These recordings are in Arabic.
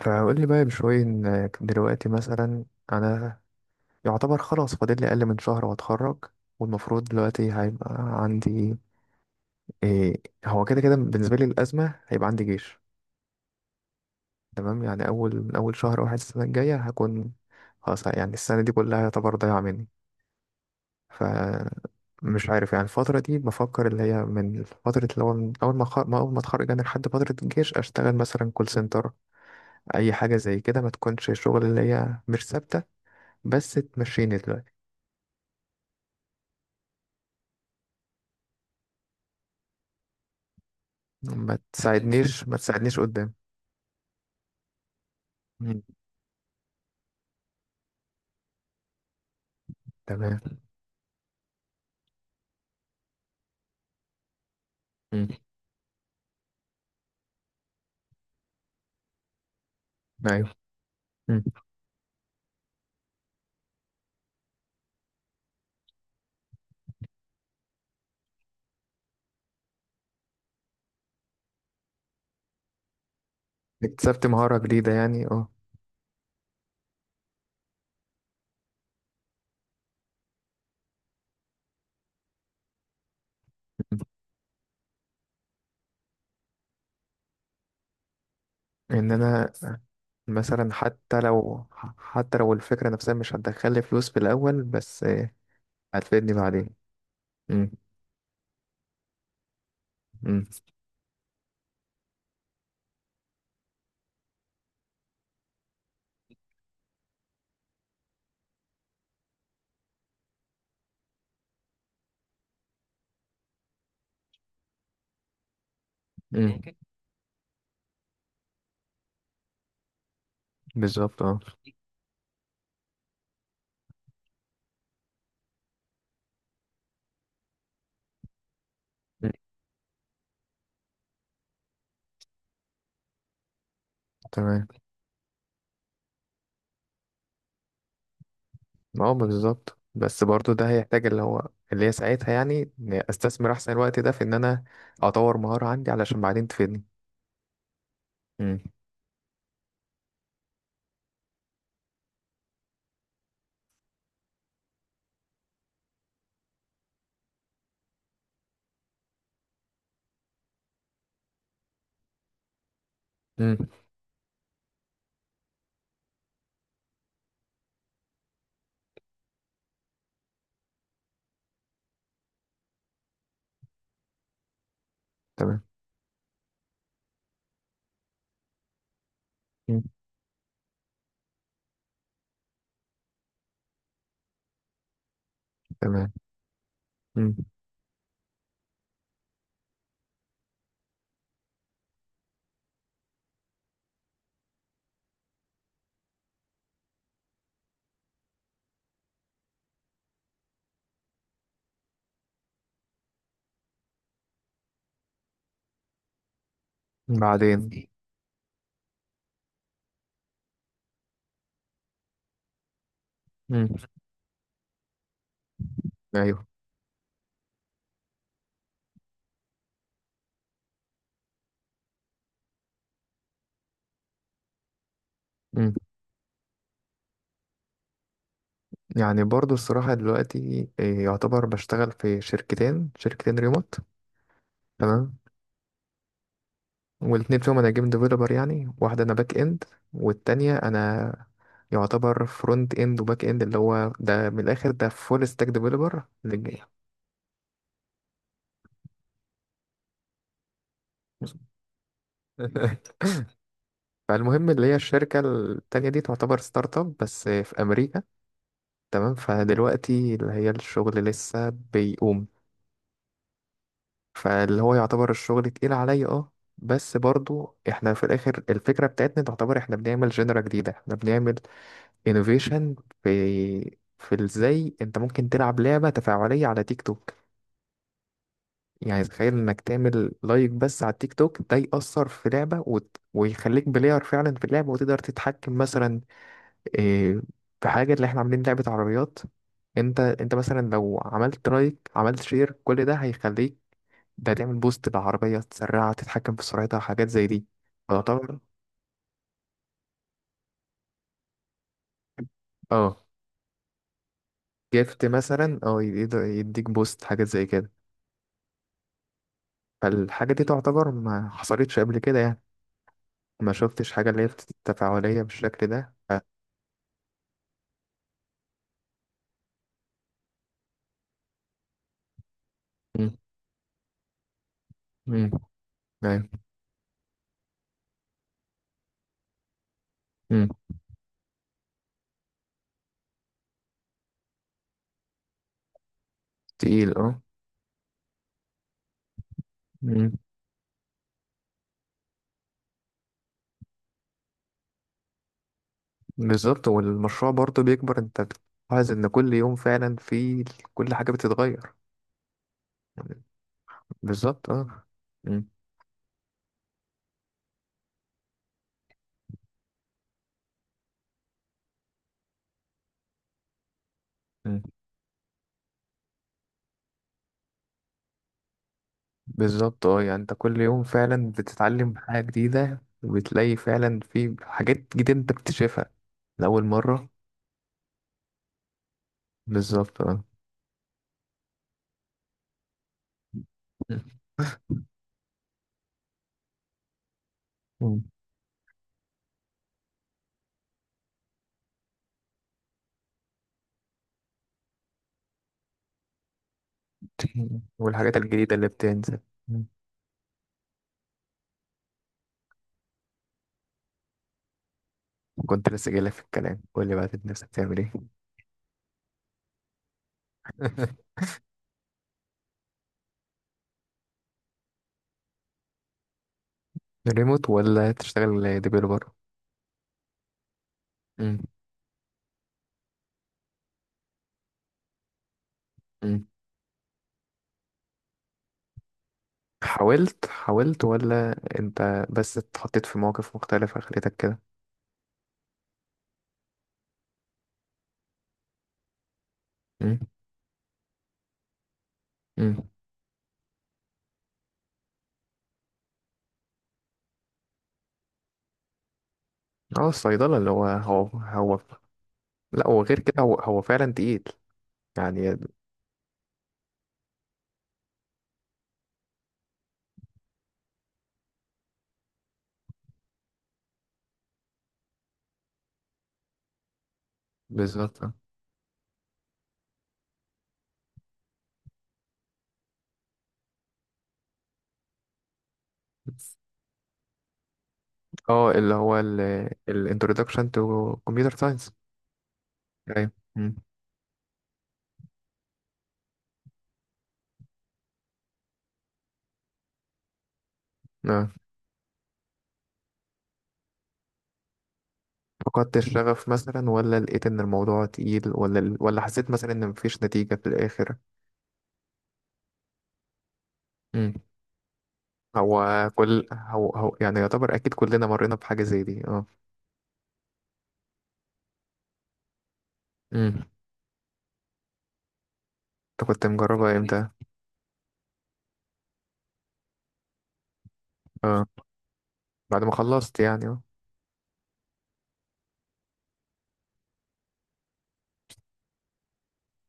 فقول لي بقى بشوية إن دلوقتي مثلا أنا يعتبر خلاص فاضل لي أقل من شهر وأتخرج، والمفروض دلوقتي هيبقى عندي. إيه هو كده كده بالنسبة لي الأزمة هيبقى عندي جيش. تمام، يعني أول من أول شهر واحد السنة الجاية هكون خلاص. يعني السنة دي كلها يعتبر ضايعة مني. ف مش عارف، يعني الفترة دي بفكر اللي هي من فترة اللي هو من أول ما أتخرج أنا لحد فترة الجيش أشتغل مثلا كول سنتر، أي حاجة زي كده ما تكونش شغل، اللي هي مش ثابتة بس تمشيني دلوقتي. ما تساعدنيش ما تساعدنيش قدام. مم. تمام. مم. ايوه. مم. اكتسبت مهارة جديدة يعني اه. مم. ان انا مثلا حتى لو الفكرة نفسها مش هتدخلي فلوس في الأول، بس هتفيدني بعدين. مم. مم. مم. بالظبط اه. مم. تمام. اه بالظبط، بس برضو ده هيحتاج اللي هي ساعتها، يعني إني استثمر احسن الوقت ده في ان انا اطور مهارة عندي علشان بعدين تفيدني. مم. مم. تمام. مم. تمام. مم. بعدين. مم. ايوه. مم. يعني برضو الصراحة دلوقتي يعتبر بشتغل في شركتين ريموت. تمام. والاتنين فيهم انا جيم ديفلوبر، يعني واحدة انا باك اند، والتانية انا يعتبر فرونت اند وباك اند، اللي هو ده من الاخر ده فول ستاك ديفلوبر. فالمهم اللي هي الشركة التانية دي تعتبر ستارت اب بس في امريكا. تمام. فدلوقتي اللي هي الشغل لسه بيقوم، فاللي هو يعتبر الشغل تقيل عليا اه. بس برضو احنا في الاخر الفكرة بتاعتنا تعتبر احنا بنعمل جنرا جديدة، احنا بنعمل انوفيشن في، في ازاي انت ممكن تلعب لعبة تفاعلية على تيك توك. يعني تخيل انك تعمل لايك بس على التيك توك ده يأثر في لعبة ويخليك بلاير فعلا في اللعبة، وتقدر تتحكم مثلا إيه، في حاجة، اللي احنا عاملين لعبة عربيات. انت مثلا لو عملت لايك عملت شير، كل ده هيخليك ده تعمل بوست لعربية، تسرعها تتحكم في سرعتها، حاجات زي دي. تعتبر اه. جفت مثلا اه يقدر يديك بوست، حاجات زي كده. فالحاجة دي تعتبر ما حصلتش قبل كده يعني. ما شفتش حاجة اللي هي تفاعلية بالشكل ده مم. مم. أيوة. مم. تقيل اه. مم. بالظبط، والمشروع برضه بيكبر، انت بتلاحظ ان كل يوم فعلا في كل حاجة بتتغير. بالظبط اه. مم. مم. بالظبط اه، يعني انت كل يوم فعلا بتتعلم حاجة جديدة، وبتلاقي فعلا في حاجات جديدة انت بتكتشفها لأول مرة. بالظبط اه. مم. والحاجات الجديدة اللي بتنزل. مم. كنت لسه جايلك في الكلام، قول لي بقى انت نفسك تعمل ايه. ريموت ولا تشتغل ديفيلوبر. مم. مم. حاولت حاولت ولا انت بس اتحطيت في مواقف مختلفة خليتك كده. مم. مم. اه الصيدلة اللي هو هو هو. لا هو غير كده، هو هو فعلا تقيل يعني. بالظبط اه. آه، اللي هو ال الانترودكشن تو كمبيوتر ساينس. ايوه. مم. آه. فقدت الشغف مثلا ولا لقيت ان الموضوع تقيل ولا ولا حسيت مثلا ان مفيش نتيجة في الاخر. مم. هو كل هو هو يعني يعتبر اكيد كلنا مرينا بحاجة زي دي اه. مم. انت كنت مجربها امتى؟ اه بعد ما خلصت يعني اه.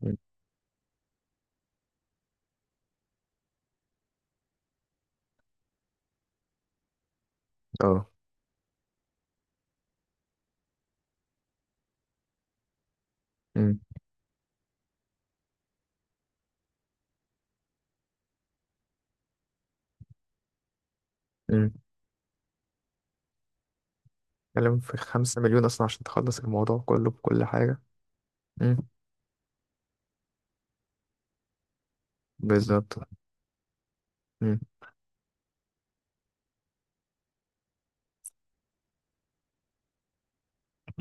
مم. اه. مم. مم. اتكلم في 5 مليون اصلا عشان تخلص الموضوع كله بكل حاجة. مم. بالظبط.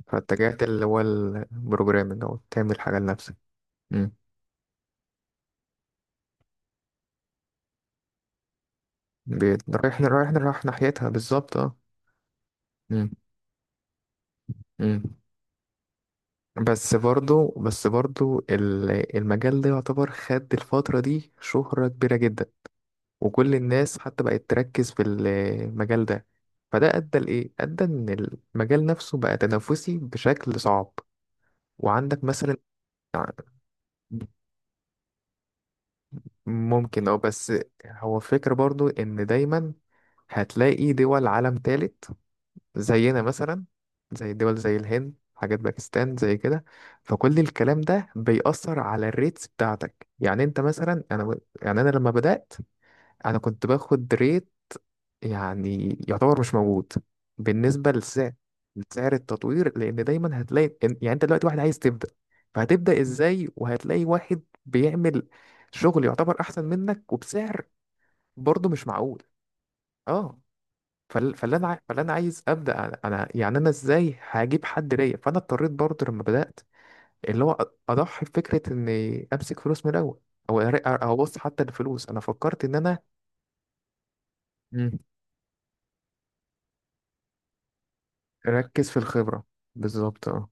فاتجهت اللي هو البروجرامنج أو تعمل حاجة لنفسك. مم. رايح رايح رايح ناحيتها بالظبط اه. مم. مم. بس برضو المجال ده يعتبر خد الفترة دي شهرة كبيرة جدا، وكل الناس حتى بقت تركز في المجال ده. فده أدى لإيه؟ أدى إن المجال نفسه بقى تنافسي بشكل صعب. وعندك مثلا ممكن أو بس. هو فكرة برضو إن دايما هتلاقي دول عالم تالت زينا مثلا، زي دول زي الهند، حاجات باكستان زي كده. فكل الكلام ده بيأثر على الريتس بتاعتك، يعني انت مثلا انا، يعني انا لما بدأت انا كنت باخد ريت يعني يعتبر مش موجود بالنسبة لسعر، لسعر التطوير، لان دايما هتلاقي يعني انت دلوقتي واحد عايز تبدأ، فهتبدأ ازاي، وهتلاقي واحد بيعمل شغل يعتبر احسن منك وبسعر برضه مش معقول اه. فاللي انا عايز ابدا انا، يعني انا ازاي هجيب حد ليا، فانا اضطريت برضه لما بدات اللي هو اضحي بفكره اني امسك فلوس من الاول، او او ابص حتى للفلوس انا فكرت ان انا. مم. اركز في الخبره بالظبط اه.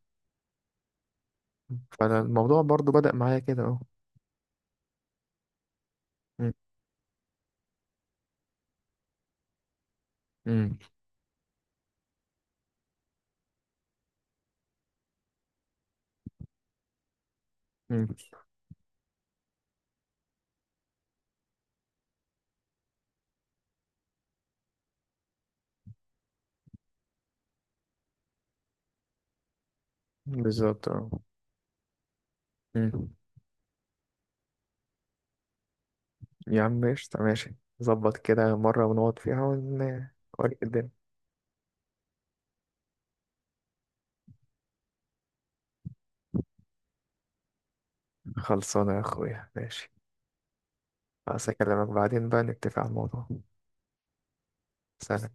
فالموضوع برضه بدا معايا كده اه. مم. مم. مم. بالظبط اه. مم. يا عم قشطة ماشي، ظبط كده مرة ونقعد فيها ونوريك الدنيا. خلصانة يا أخويا ماشي، بس أكلمك بعدين بقى نتفق على الموضوع. سلام.